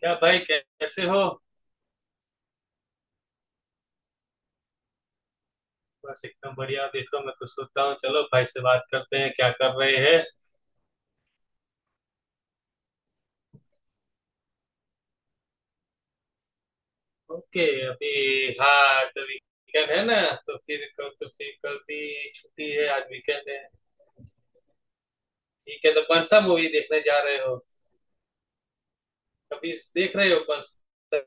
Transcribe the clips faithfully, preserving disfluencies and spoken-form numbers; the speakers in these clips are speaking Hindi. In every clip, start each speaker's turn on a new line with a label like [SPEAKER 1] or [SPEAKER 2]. [SPEAKER 1] क्या भाई कैसे हो? बस एकदम बढ़िया। देखो मैं कुछ सोचता हूँ, चलो भाई से बात करते हैं, क्या कर रहे हैं? ओके अभी। हाँ तो वीकेंड है ना। तो फिर कल तो फिर कल भी छुट्टी है, आज वीकेंड है। ठीक है तो कौन सा मूवी देखने जा रहे हो? अभी देख रहे हो कौन सा?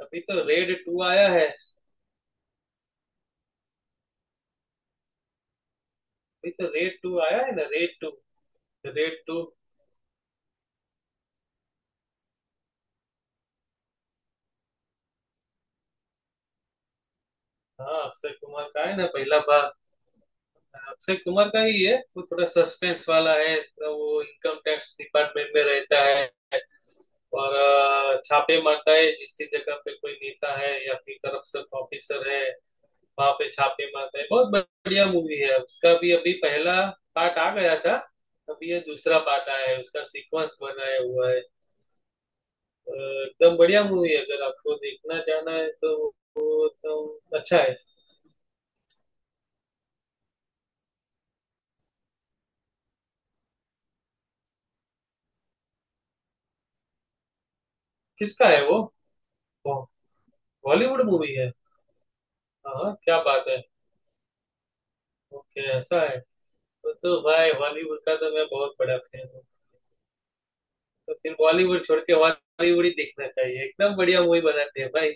[SPEAKER 1] अभी तो रेड टू आया है। अभी तो रेड टू आया है ना, रेड टू, रेड टू। हाँ अक्षय कुमार का है ना, पहला भाग। अक्षय कुमार का ही है, वो थोड़ा सस्पेंस वाला है, तो वो इनकम टैक्स डिपार्टमेंट में रहता है और अ, छापे मारता है जिस जगह पे कोई नेता है या फिर करप्शन ऑफिसर है। वहां पे छापे मारता है, बहुत बढ़िया मूवी है। उसका भी अभी पहला पार्ट आ गया था। अभी ये दूसरा पार्ट आया है, उसका सीक्वेंस बनाया हुआ है। अ, एकदम बढ़िया मूवी है, अगर आपको देखना जाना है तो वो एकदम अच्छा है। किसका है वो? बॉलीवुड मूवी है? हाँ हाँ, क्या बात है। ओके ऐसा है। तो तो भाई, बॉलीवुड का तो मैं बहुत बड़ा फैन हूँ। तो फिर बॉलीवुड छोड़ के हॉलीवुड ही देखना चाहिए, एकदम बढ़िया मूवी बनाते हैं भाई।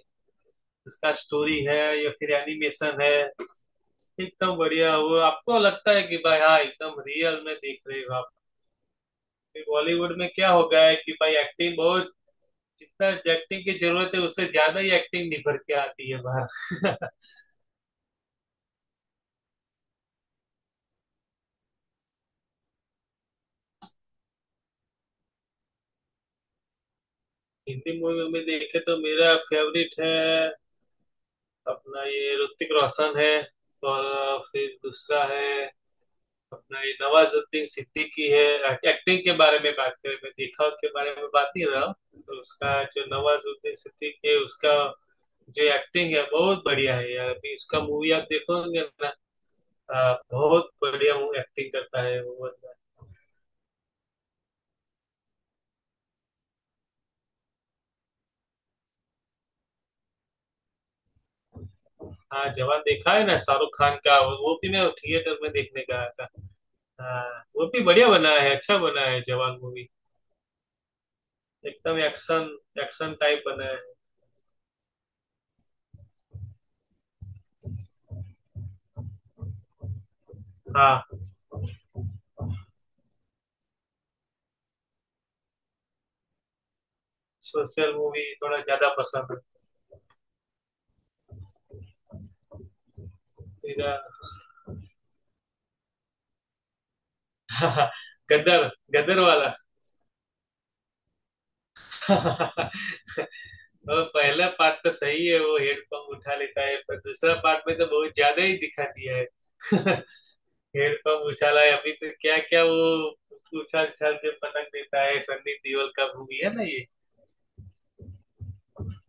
[SPEAKER 1] उसका स्टोरी है या फिर एनिमेशन है, एकदम बढ़िया। वो आपको लगता है कि भाई हाँ एकदम रियल में देख रहे हो आप। फिर बॉलीवुड में क्या हो गया है कि भाई एक्टिंग बहुत, जितना एक्टिंग की जरूरत है उससे ज्यादा ही एक्टिंग निभर के आती है बाहर। हिंदी मूवी में देखे तो मेरा फेवरेट है अपना ये ऋतिक रोशन है। और अ, फिर दूसरा है अपना ये नवाजुद्दीन सिद्दीकी है। एक्टिंग के बारे में बात करें, मैं दिखाव के बारे में बात नहीं रहा। तो उसका जो नवाजुद्दीन सिद्दीकी है, उसका जो एक्टिंग है बहुत बढ़िया है यार। अभी उसका मूवी आप देखोगे ना, अ, बहुत बढ़िया वो एक्टिंग करता है वो बंदा। हाँ जवान देखा है ना, शाहरुख खान का। वो वो भी मैं थिएटर में देखने का आया था। हाँ वो भी बढ़िया बना है, अच्छा बना है जवान मूवी। एकदम एक्शन, एक्शन टाइप बना है। हाँ सोशल मूवी थोड़ा ज्यादा पसंद है। इधर- गदर, गदर वाला। और पहला पार्ट तो सही है, वो हेडपंप उठा लेता है, पर दूसरा पार्ट में तो बहुत ज्यादा ही दिखा दिया है। हेडपंप उछाला है, अभी तो क्या क्या वो उछाल उछाल के पटक देता है। सन्नी देओल का मूवी है ना ये।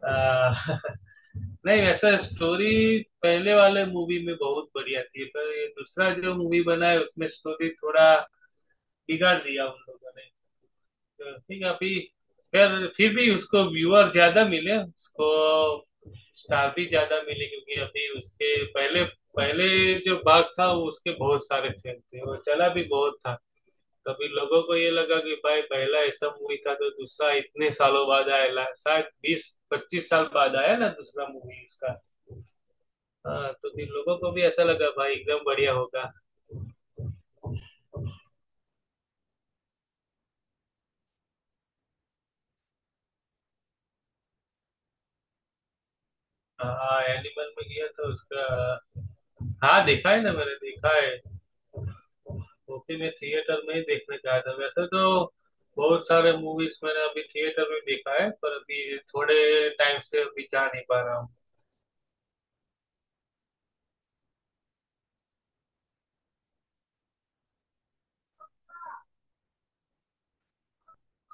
[SPEAKER 1] आ, नहीं, वैसा स्टोरी पहले वाले मूवी में बहुत बढ़िया थी, पर ये दूसरा जो मूवी बना है उसमें स्टोरी थोड़ा बिगाड़ दिया उन लोगों ने। ठीक है अभी। फिर फिर भी उसको व्यूअर ज्यादा मिले, उसको स्टार भी ज्यादा मिले, क्योंकि अभी उसके पहले पहले जो भाग था वो, उसके बहुत सारे फैन थे और चला भी बहुत था। तभी लोगों को ये लगा कि भाई पहला ऐसा मूवी था तो दूसरा इतने सालों बाद आया, ला- शायद बीस पच्चीस साल बाद आया ना दूसरा मूवी इसका। हाँ तो फिर लोगों को भी ऐसा लगा भाई एकदम बढ़िया होगा। हाँ एनिमल में गया तो उसका। हाँ देखा है ना, मैंने देखा है। वो भी मैं थिएटर में ही देखने गया था वैसे तो। बहुत सारे मूवीज मैंने अभी थिएटर में देखा है, पर अभी थोड़े टाइम से अभी जा नहीं पा रहा हूँ।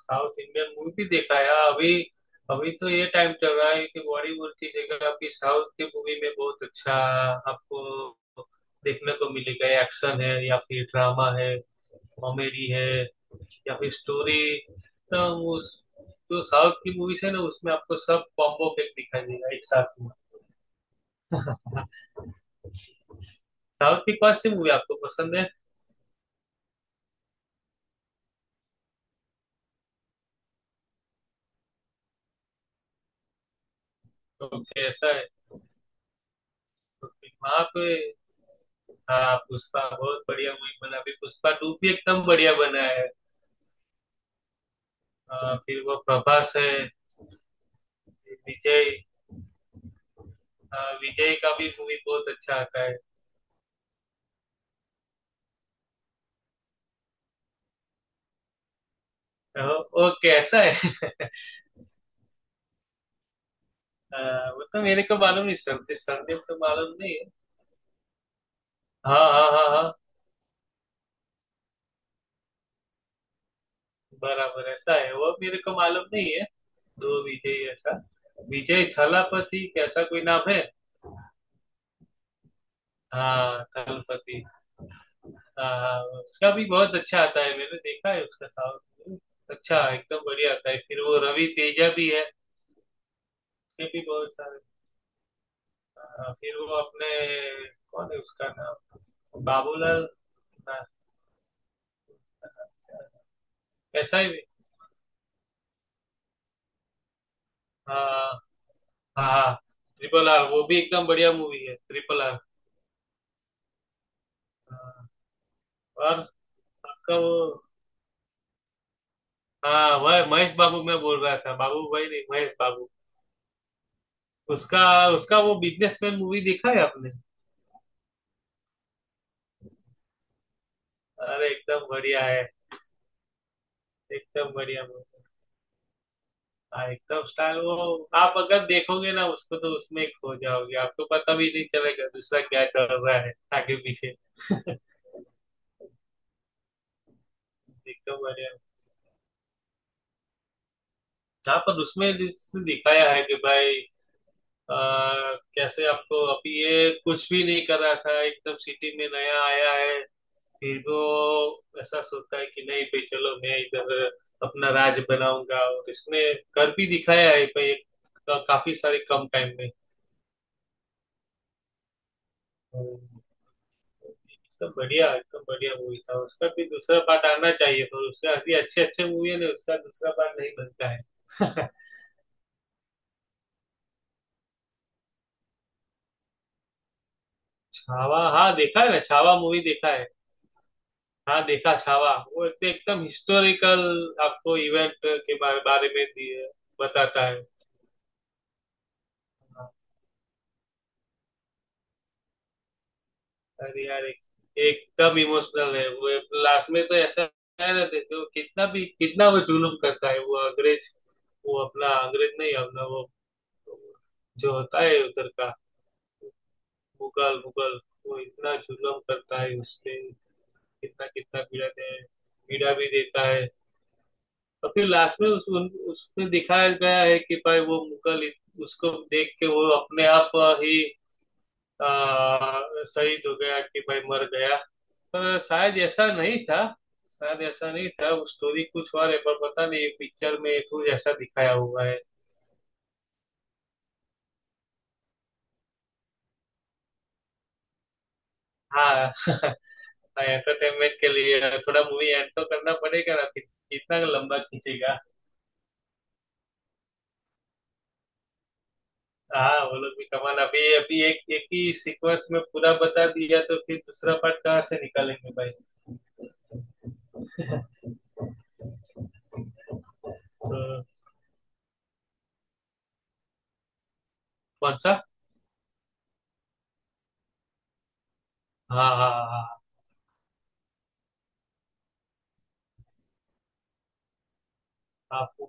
[SPEAKER 1] साउथ इंडियन मूवी भी देखा है। अभी अभी तो ये टाइम चल रहा है कि बॉलीवुड की जगह आपकी साउथ की मूवी में बहुत अच्छा आपको देखने को मिलेगा। एक्शन है या फिर ड्रामा है, कॉमेडी है, या फिर स्टोरी। तो उस जो साउथ की मूवीज है ना, उसमें आपको सब कॉम्बो पैक दिखाई देगा एक साथ में। हाँ, साउथ की कौन सी मूवी आपको पसंद है? ओके ऐसा है। ओके वहां पे। हाँ पुष्पा बहुत बढ़िया मूवी बना, अभी पुष्पा टू भी एकदम बढ़िया बना है। आ, फिर वो प्रभास है। विजय आ, विजय का भी मूवी बहुत अच्छा आता है। ओ, ओ कैसा है। आ, वो तो मेरे को मालूम नहीं, सरदीप सरदीप तो मालूम नहीं है। हाँ हाँ हाँ हाँ। बराबर ऐसा है, वो मेरे को मालूम नहीं है। दो विजय ऐसा? विजय थलापति कैसा कोई नाम है? हाँ थलपति। हाँ, उसका भी बहुत अच्छा आता है, मैंने देखा है उसका। साउंड अच्छा, एकदम बढ़िया आता है। फिर वो रवि तेजा भी है। उसके भी बहुत सारे। हाँ, फिर वो अपने कौन है उसका नाम, बाबूलाल ना, ऐसा ही भी। हाँ हाँ, ट्रिपल आर, वो भी एकदम बढ़िया मूवी है ट्रिपल आर। हाँ, और आपका वो। हाँ वह महेश बाबू मैं बोल रहा था, बाबू भाई नहीं, महेश बाबू। उसका उसका वो बिजनेसमैन मूवी देखा है आपने? अरे एकदम बढ़िया है। एकदम बढ़िया मूवी। हाँ एकदम स्टार। वो आप अगर देखोगे ना उसको, तो उसमें ही खो जाओगे, आपको पता भी नहीं चलेगा दूसरा क्या चल रहा है आगे पीछे। एकदम बढ़िया। हाँ, पर उसमें जिसने दिखाया है कि भाई आ, कैसे आपको अभी ये कुछ भी नहीं कर रहा था, एकदम सिटी में नया आया है। फिर वो ऐसा सोचता है कि नहीं भाई चलो मैं इधर अपना राज बनाऊंगा, और इसने कर भी दिखाया है भाई, एक- काफी सारे कम टाइम में। एकदम बढ़िया, एकदम बढ़िया मूवी था। उसका भी दूसरा पार्ट आना चाहिए, पर उसका अभी अच्छे अच्छे मूवी है ना, उसका दूसरा पार्ट नहीं बनता है। छावा, हाँ देखा है ना, छावा मूवी देखा है। हाँ देखा छावा, वो एक- तो एकदम हिस्टोरिकल आपको इवेंट के बारे, बारे में दिए- बताता है। हाँ, अरे यार, एक, एकदम इमोशनल है वो। लास्ट में तो ऐसा है ना, देखो कितना भी, कितना वो जुल्म करता है वो अंग्रेज, वो अपना अंग्रेज नहीं, अपना वो वो जो होता है उधर का, मुगल मुगल। वो इतना जुल्म करता है उस पे, कितना कितना पीड़ा दे, पीड़ा भी देता है। और फिर लास्ट में उस उन, उसमें दिखाया गया है कि भाई वो मुगल इत- उसको देख के वो अपने आप ही आ, शहीद हो गया, कि भाई मर गया। पर शायद ऐसा नहीं था। शायद ऐसा नहीं था, वो स्टोरी कुछ और है, पर पता नहीं पिक्चर में कुछ ऐसा दिखाया हुआ है। हाँ। एंटरटेनमेंट के लिए थोड़ा मूवी एंड तो करना पड़ेगा ना, फिर इतना लंबा खींचेगा। हाँ वो लोग भी कमान, अभी अभी एक एक ही सीक्वेंस में पूरा बता दिया तो फिर दूसरा पार्ट कहाँ से निकालेंगे भाई? तो कौन सा? हाँ हाँ हाँ हाँ। हाँ,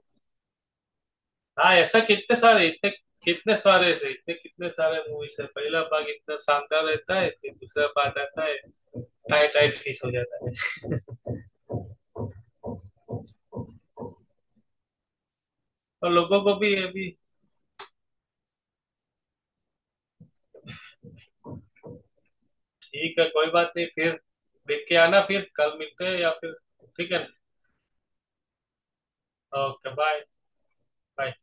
[SPEAKER 1] हाँ, ऐसा कितने सारे इतने, कितने सारे से इतने, कितने सारे मूवीज है। पहला भाग इतना शानदार रहता है फिर दूसरा पार्ट आता है। टाइट टाइट फीस हो जाता है। और लोगों को भी अभी। ठीक है, कोई बात नहीं, फिर देख के आना, फिर कल मिलते हैं या फिर। ठीक है ना। Okay bye. बाय।